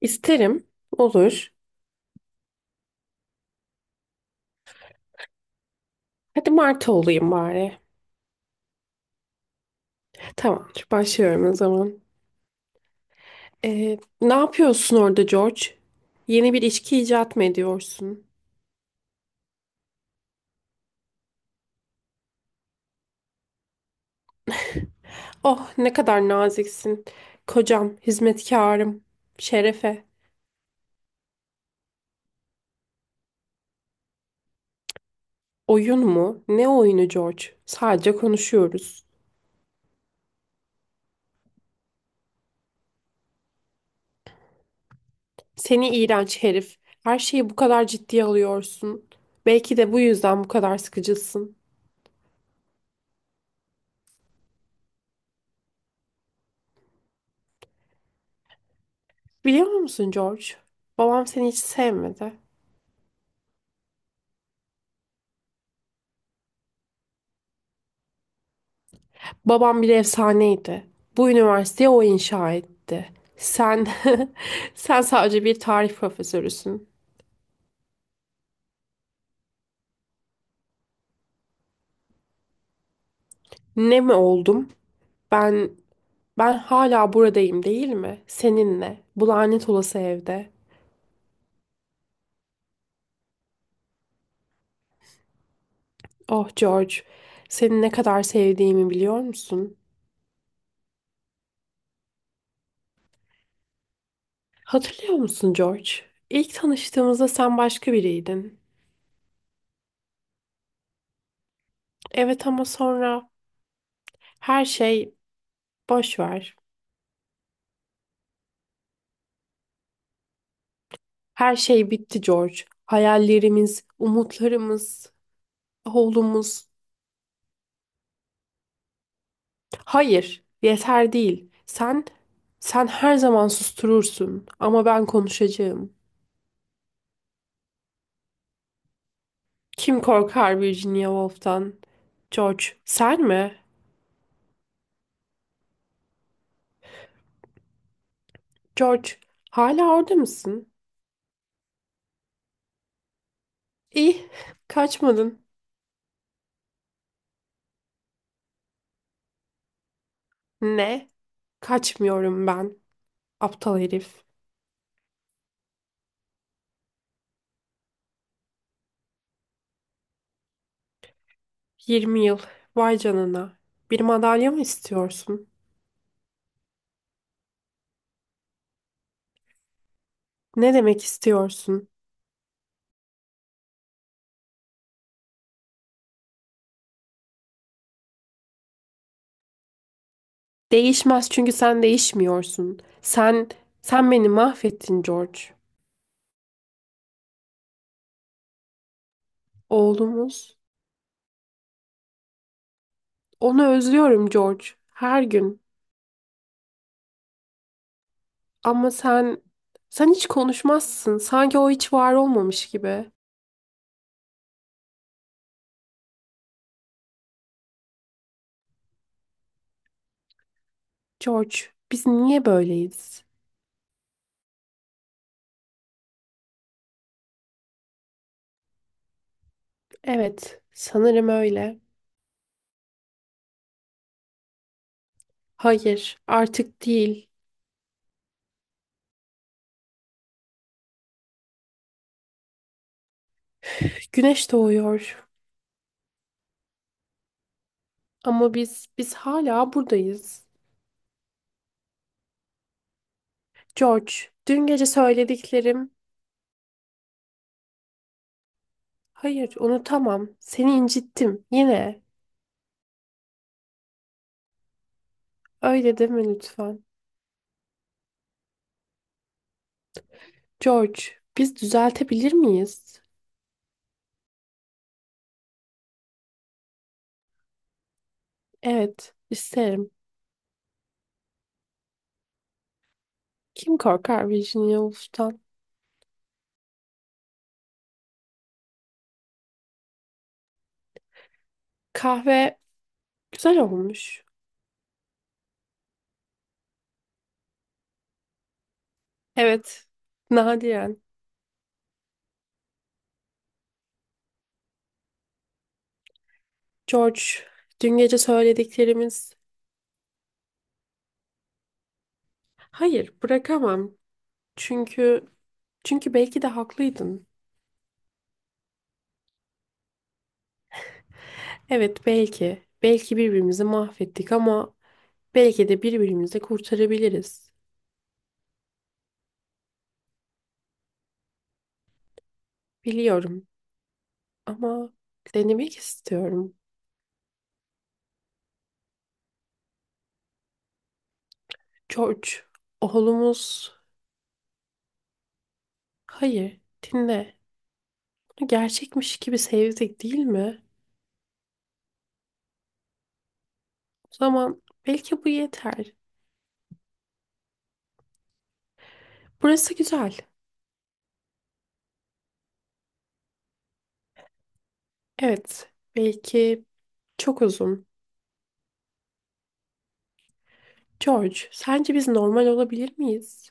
İsterim. Olur. Hadi Marta olayım bari. Tamam, Başlıyorum o zaman. Ne yapıyorsun orada George? Yeni bir içki icat mı ediyorsun? Oh ne kadar naziksin. Kocam, hizmetkarım, şerefe. Oyun mu? Ne oyunu George? Sadece konuşuyoruz. Seni iğrenç herif. Her şeyi bu kadar ciddiye alıyorsun. Belki de bu yüzden bu kadar sıkıcısın. Biliyor musun George? Babam seni hiç sevmedi. Babam bir efsaneydi. Bu üniversiteyi o inşa etti. Sen sen sadece bir tarih profesörüsün. Ne mi oldum? Ben ben hala buradayım değil mi? Seninle. Bu lanet olası evde. Oh George, seni ne kadar sevdiğimi biliyor musun? Hatırlıyor musun George? İlk tanıştığımızda sen başka biriydin. Evet ama sonra her şey boş ver. Her şey bitti George. Hayallerimiz, umutlarımız. Oğlumuz. Hayır, yeter değil. Sen her zaman susturursun ama ben konuşacağım. Kim korkar Virginia Woolf'tan? George, sen mi? George, hala orada mısın? İyi, kaçmadın. Ne? Kaçmıyorum ben. Aptal herif. Yirmi yıl. Vay canına. Bir madalya mı istiyorsun? Ne demek istiyorsun? Değişmez çünkü sen değişmiyorsun. Sen beni mahvettin George. Oğlumuz. Onu özlüyorum George. Her gün. Ama sen hiç konuşmazsın. Sanki o hiç var olmamış gibi. George, biz niye böyleyiz? Evet, sanırım öyle. Hayır, artık değil. Güneş doğuyor. Ama biz hala buradayız. George, dün gece söylediklerim. Hayır, unutamam. Seni incittim. Yine. Öyle deme lütfen. George, biz düzeltebilir miyiz? Evet, isterim. Kim korkar Virginia Woolf'tan? Kahve güzel olmuş. Evet, nadiren. George, dün gece söylediklerimiz... Hayır, bırakamam. Çünkü çünkü belki de haklıydın. Evet, belki. Belki birbirimizi mahvettik ama belki de birbirimizi de kurtarabiliriz. Biliyorum ama denemek istiyorum. George, oğlumuz... Hayır, dinle. Onu gerçekmiş gibi sevdik, değil mi? Tamam. Belki bu yeter. Burası güzel. Evet. Belki çok uzun. George, sence biz normal olabilir miyiz?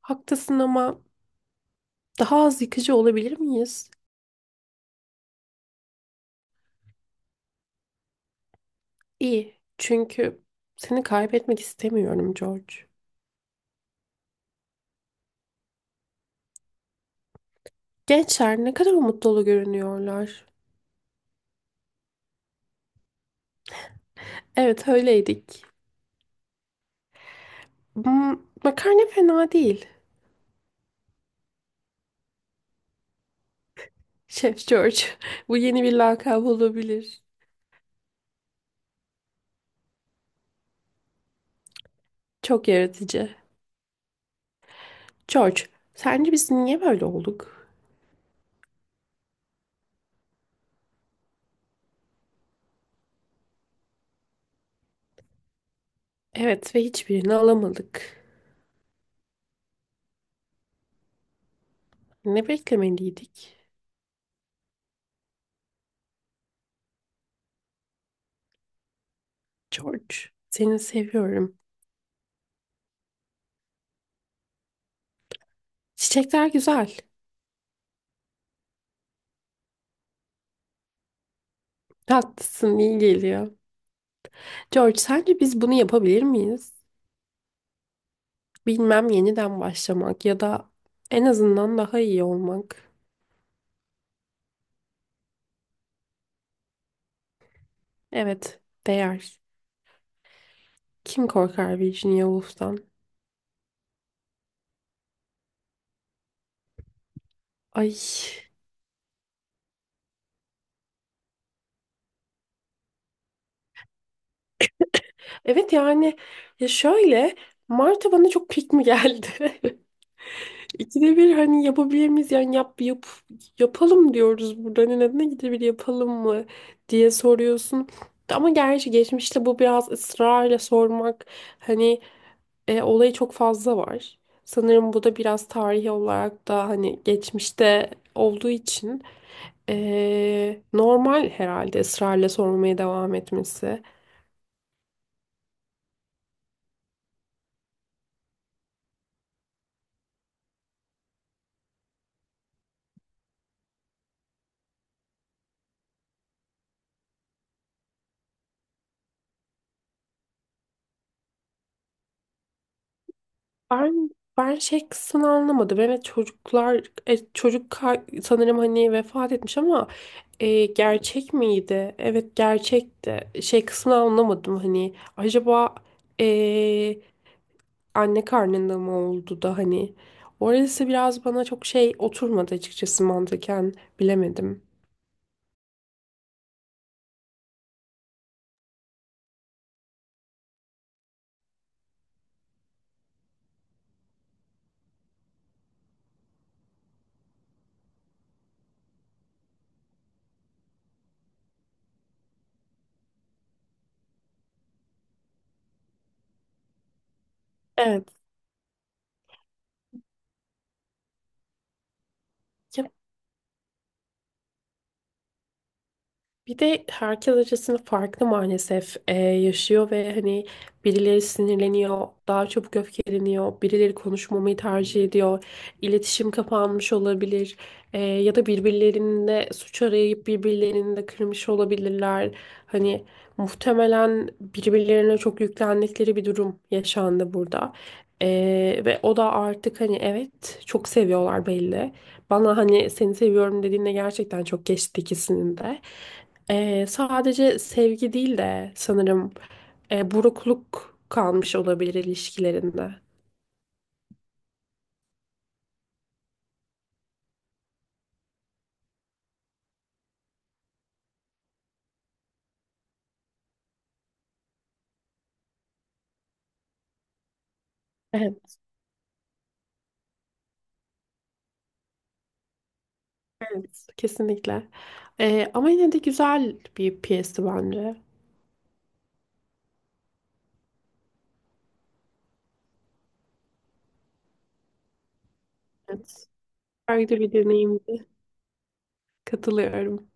Haklısın ama daha az yıkıcı olabilir miyiz? İyi. Çünkü seni kaybetmek istemiyorum George. Gençler ne kadar umut dolu görünüyorlar. Evet öyleydik. Hmm, makarna fena değil. Şef George. Bu yeni bir lakap olabilir. Çok yaratıcı. George, sence biz niye böyle olduk? Evet ve hiçbirini alamadık. Ne beklemeliydik? George, seni seviyorum. Çiçekler güzel. Tatlısın, iyi geliyor. George, sence biz bunu yapabilir miyiz? Bilmem, yeniden başlamak ya da en azından daha iyi olmak. Evet, değer. Kim korkar Virginia Woolf'tan? Ay. Evet yani ya şöyle, Marta bana çok pik mi geldi? İkide bir hani yapabilir miyiz yani yapalım diyoruz burada, hani neden ikide bir yapalım mı diye soruyorsun. Ama gerçi geçmişte bu biraz ısrarla sormak hani olayı çok fazla var. Sanırım bu da biraz tarihi olarak da hani geçmişte olduğu için normal herhalde ısrarla sormaya devam etmesi. Ben ben şey kısmını anlamadım. Evet çocuklar sanırım hani vefat etmiş ama gerçek miydi? Evet gerçekti. Şey kısmını anlamadım hani acaba e, anne karnında mı oldu da hani orası biraz bana çok şey oturmadı açıkçası mantıken bilemedim. Evet. Bir de herkes açısından farklı maalesef yaşıyor ve hani birileri sinirleniyor, daha çabuk öfkeleniyor, birileri konuşmamayı tercih ediyor, iletişim kapanmış olabilir, ya da birbirlerinde suç arayıp birbirlerini de kırmış olabilirler. Hani muhtemelen birbirlerine çok yüklendikleri bir durum yaşandı burada. E, ve o da artık hani evet çok seviyorlar belli. Bana hani seni seviyorum dediğinde gerçekten çok geçti ikisinin de. Sadece sevgi değil de sanırım burukluk kalmış olabilir ilişkilerinde. Evet. Evet, kesinlikle. Ama yine de güzel bir piyesti bence. Evet. Farklı bir deneyim. Katılıyorum.